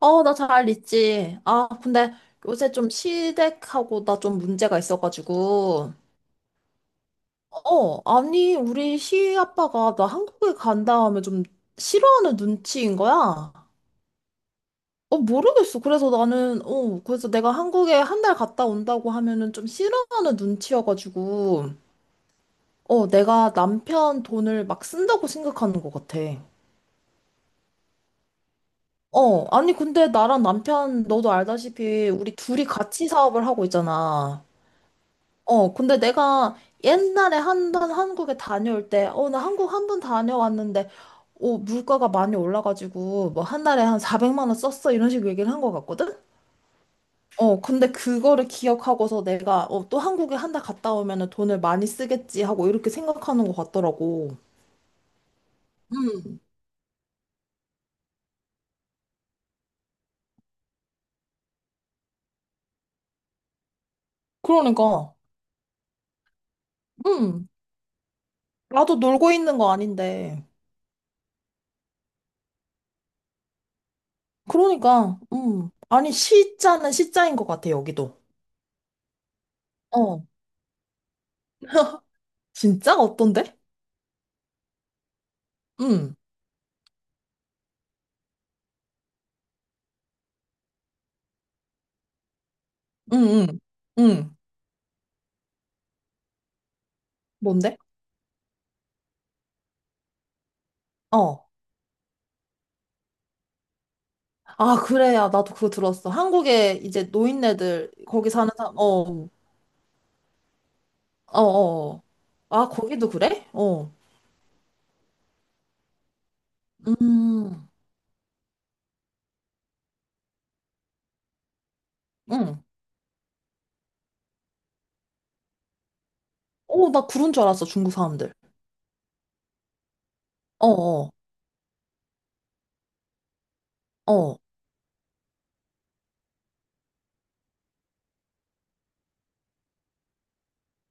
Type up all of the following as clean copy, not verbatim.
어, 나 잘 있지. 아, 근데 요새 좀 시댁하고 나 좀 문제가 있어가지고. 어, 아니, 우리 시아빠가 나 한국에 간 다음에 좀 싫어하는 눈치인 거야. 어, 모르겠어. 그래서 나는, 어, 그래서 내가 한국에 한 달 갔다 온다고 하면은 좀 싫어하는 눈치여가지고. 어, 내가 남편 돈을 막 쓴다고 생각하는 것 같아. 어, 아니, 근데 나랑 남편, 너도 알다시피 우리 둘이 같이 사업을 하고 있잖아. 어, 근데 내가 옛날에 한 번 한국에 다녀올 때, 나 한국 한 번 다녀왔는데, 어, 물가가 많이 올라가지고, 뭐, 한 달에 한 400만 원 썼어. 이런 식으로 얘기를 한 것 같거든? 어, 근데 그거를 기억하고서 내가, 어, 또 한국에 한 달 갔다 오면은 돈을 많이 쓰겠지 하고 이렇게 생각하는 것 같더라고. 음, 그러니까, 음, 나도 놀고 있는 거 아닌데. 그러니까, 아니, 시자는 시자인 것 같아, 여기도. 어, 진짜? 어떤데? 음. 응, 응, 응. 뭔데? 어. 아, 그래야. 나도 그거 들었어. 한국에 이제 노인네들, 거기 사는 사람, 어. 어. 아, 거기도 그래? 어. 음, 응. 어, 나 그런 줄 알았어, 중국 사람들. 어, 어, 어.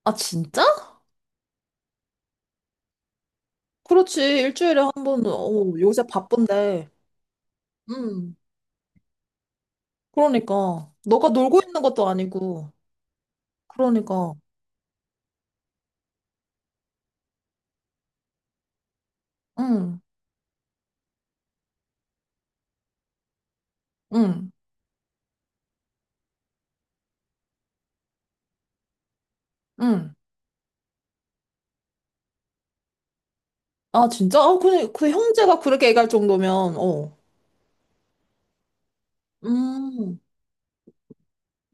아, 진짜? 그렇지. 일주일에 한 번, 어, 요새 바쁜데. 음, 그러니까. 너가 놀고 있는 것도 아니고. 그러니까. 응, 응, 응. 아, 진짜? 어, 근데 그 형제가 그렇게 얘기할 정도면, 어. 음,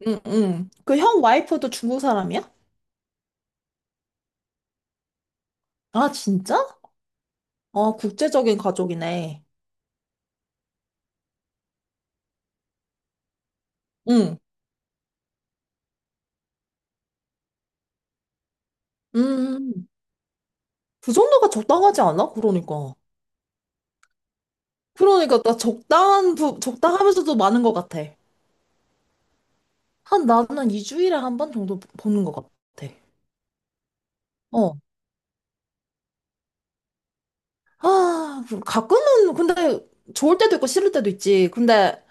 응. 그 형 와이프도 중국 사람이야? 아, 진짜? 아, 국제적인 가족이네. 응. 음, 음, 음. 그 정도가 적당하지 않아? 그러니까. 그러니까 나 적당하면서도 많은 것 같아. 한 나는 2주일에 한 번 정도 보는 것 같아. 어, 아, 가끔은 근데 좋을 때도 있고 싫을 때도 있지. 근데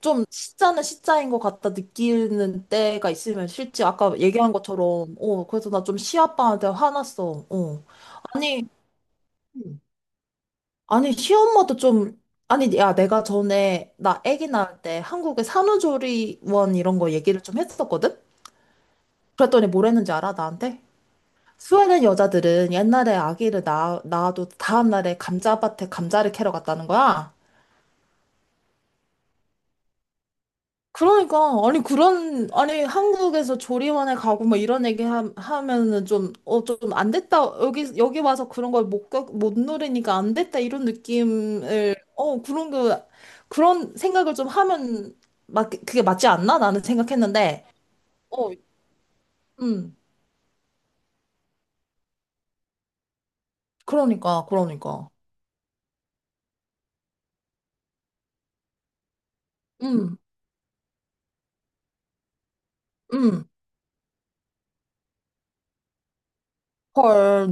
좀 시자는 시자인 것 같다 느끼는 때가 있으면 싫지. 아까 얘기한 것처럼. 어, 그래서 나 좀 시아빠한테 화났어. 어. 아니, 아니, 시엄마도 좀, 아니, 야, 내가 전에 나 아기 낳을 때 한국의 산후조리원 이런 거 얘기를 좀 했었거든? 그랬더니 뭘 했는지 알아, 나한테? 스웨덴 여자들은 옛날에 아기를 낳아도 다음날에 감자밭에 감자를 캐러 갔다는 거야. 그러니까 아니 그런 아니 한국에서 조리원에 가고 뭐 이런 얘기 하면은 좀 어 좀 안 됐다 여기 와서 그런 걸 못못 누리니까 안 됐다 이런 느낌을 어 그런 거 그런 생각을 좀 하면 맞 그게 맞지 않나 나는 생각했는데 어음 그러니까 음음헐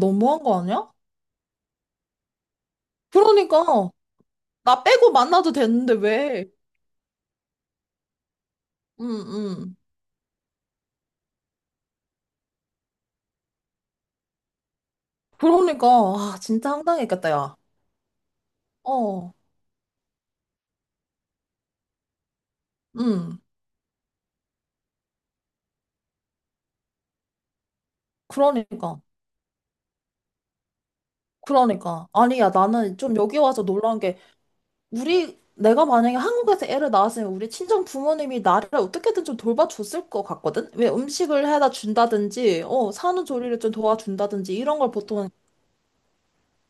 너무한 거 아니야? 그러니까 나 빼고 만나도 되는데 왜 음 음 그러니까 아 진짜 황당했겠다 야. 어. 음, 그러니까, 그러니까. 아니야, 나는 좀 여기 와서 놀라운 게, 내가 만약에 한국에서 애를 낳았으면 우리 친정 부모님이 나를 어떻게든 좀 돌봐줬을 것 같거든? 왜 음식을 해다 준다든지, 어, 산후조리를 좀 도와준다든지, 이런 걸 보통,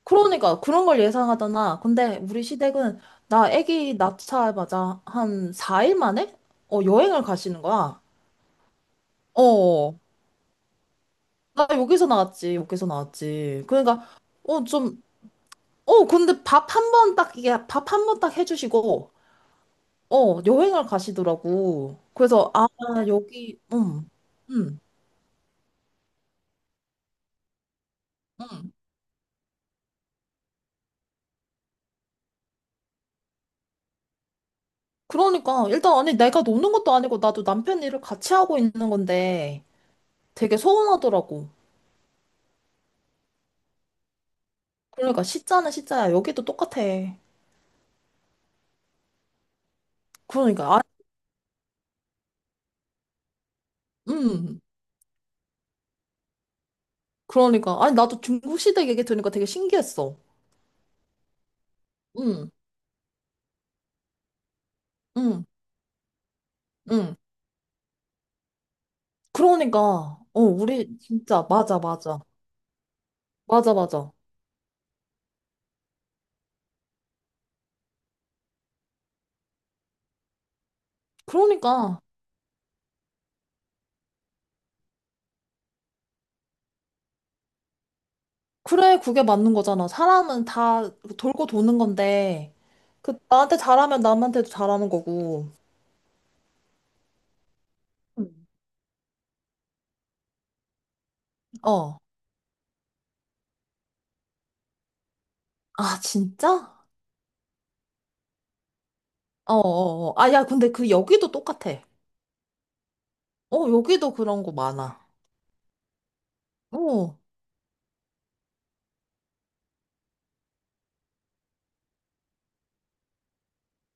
그러니까, 그런 걸 예상하잖아. 근데 우리 시댁은, 나 애기 낳자마자 한 4일 만에, 어, 여행을 가시는 거야. 어. 나 여기서 여기서 나왔지. 그러니까, 어, 좀, 어, 근데 밥 한 번 딱, 이게 밥 한 번 딱 해주시고, 어, 여행을 가시더라고. 그래서, 아, 여기, 음. 그러니까, 일단, 아니, 내가 노는 것도 아니고, 나도 남편 일을 같이 하고 있는 건데, 되게 서운하더라고. 그러니까, 시자는 시자야. 여기도 똑같아. 그러니까, 아, 음. 그러니까, 아니, 나도 중국시댁 얘기 들으니까 되게 신기했어. 음, 음, 음. 그러니까, 어, 우리, 진짜, 맞아. 맞아. 그러니까. 그래, 그게 맞는 거잖아. 사람은 다 돌고 도는 건데, 그, 나한테 잘하면 남한테도 잘하는 거고. 음. 어. 아, 진짜? 어. 아, 야, 근데 그 여기도 똑같아. 어, 여기도 그런 거 많아. 어,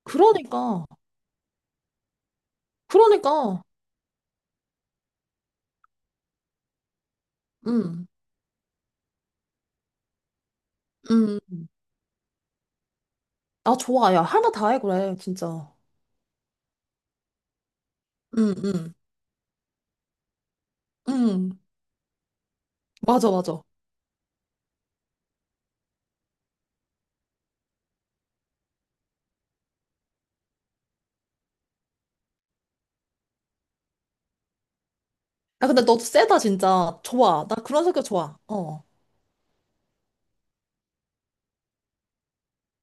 그러니까. 그러니까. 음, 음. 아, 좋아. 야, 할 말 다 해, 그래, 진짜. 음, 음, 음. 맞아. 야, 근데 너도 세다, 진짜. 좋아. 나 그런 성격 좋아. 어.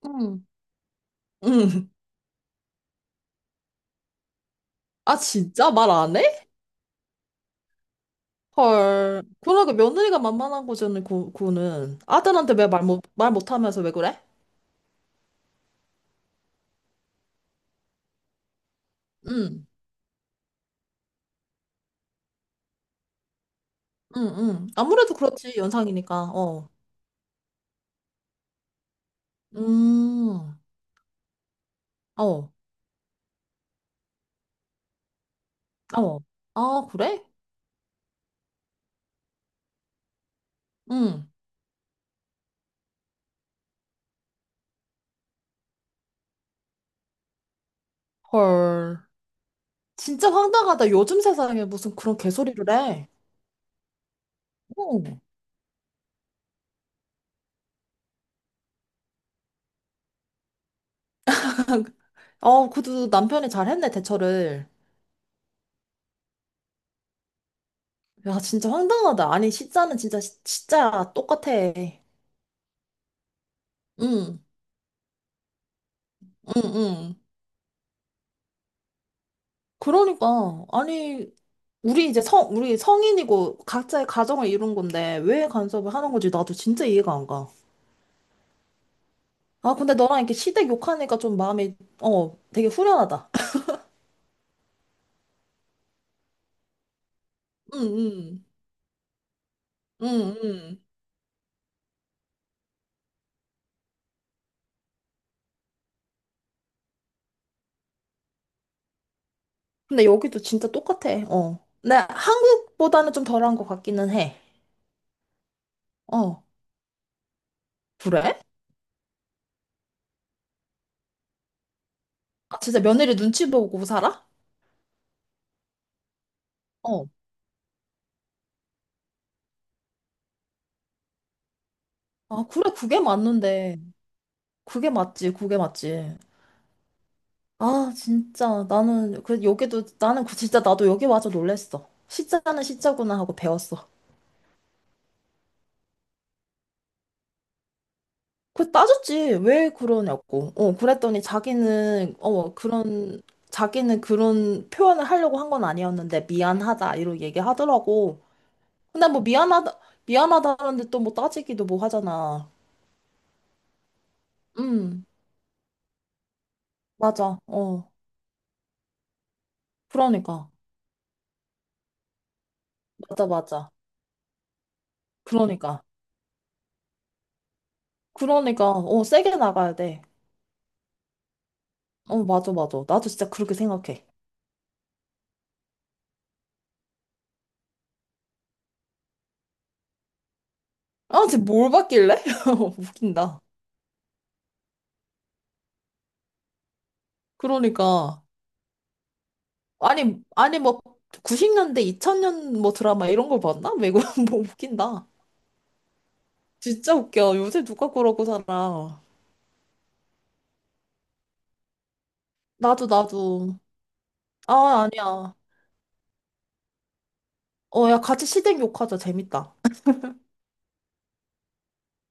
음, 음. 아, 진짜? 말 안 해? 헐. 그러니까 며느리가 만만한 거잖아, 그, 그거는. 아들한테 왜 말 못, 말 못하면서 왜 그래? 응, 응. 아무래도 그렇지, 연상이니까. 어. 음, 어, 어. 아, 그래? 응. 헐. 진짜 황당하다. 요즘 세상에 무슨 그런 개소리를 해. 응. 어, 그래도 남편이 잘했네, 대처를. 야, 진짜 황당하다. 아니, 진짜 똑같아. 응, 응. 그러니까. 아니, 우리 성인이고 각자의 가정을 이룬 건데 왜 간섭을 하는 건지 나도 진짜 이해가 안 가. 아, 근데 너랑 이렇게 시댁 욕하니까 좀 마음이, 어, 되게 후련하다. 응, 응, 응. 근데 여기도 진짜 똑같아, 어. 근데 한국보다는 좀 덜한 것 같기는 해. 어, 그래? 아, 진짜 며느리 눈치 보고 살아? 어. 아, 그래, 그게 맞는데. 그게 맞지. 아, 진짜. 나는, 그, 여기도, 나는 그, 진짜 나도 여기 와서 놀랬어. 시자는 시자구나 하고 배웠어. 그 따졌지. 왜 그러냐고. 어, 그랬더니 자기는, 어, 그런, 자기는 그런 표현을 하려고 한 건 아니었는데, 미안하다. 이러고 얘기하더라고. 근데 뭐, 미안하다는데 또 뭐 따지기도 뭐 하잖아. 음, 맞아. 어, 그러니까. 맞아. 그러니까. 그러니까, 어, 세게 나가야 돼. 어, 맞아. 나도 진짜 그렇게 생각해. 아, 쟤 뭘 봤길래? 웃긴다. 그러니까. 아니, 뭐, 90년대, 2000년 뭐 드라마 이런 걸 봤나? 매국 뭐 웃긴다. 진짜 웃겨. 요새 누가 그러고 살아. 나도. 아, 아니야. 어, 야, 같이 시댁 욕하자. 재밌다.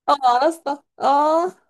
아, 알았어. 아.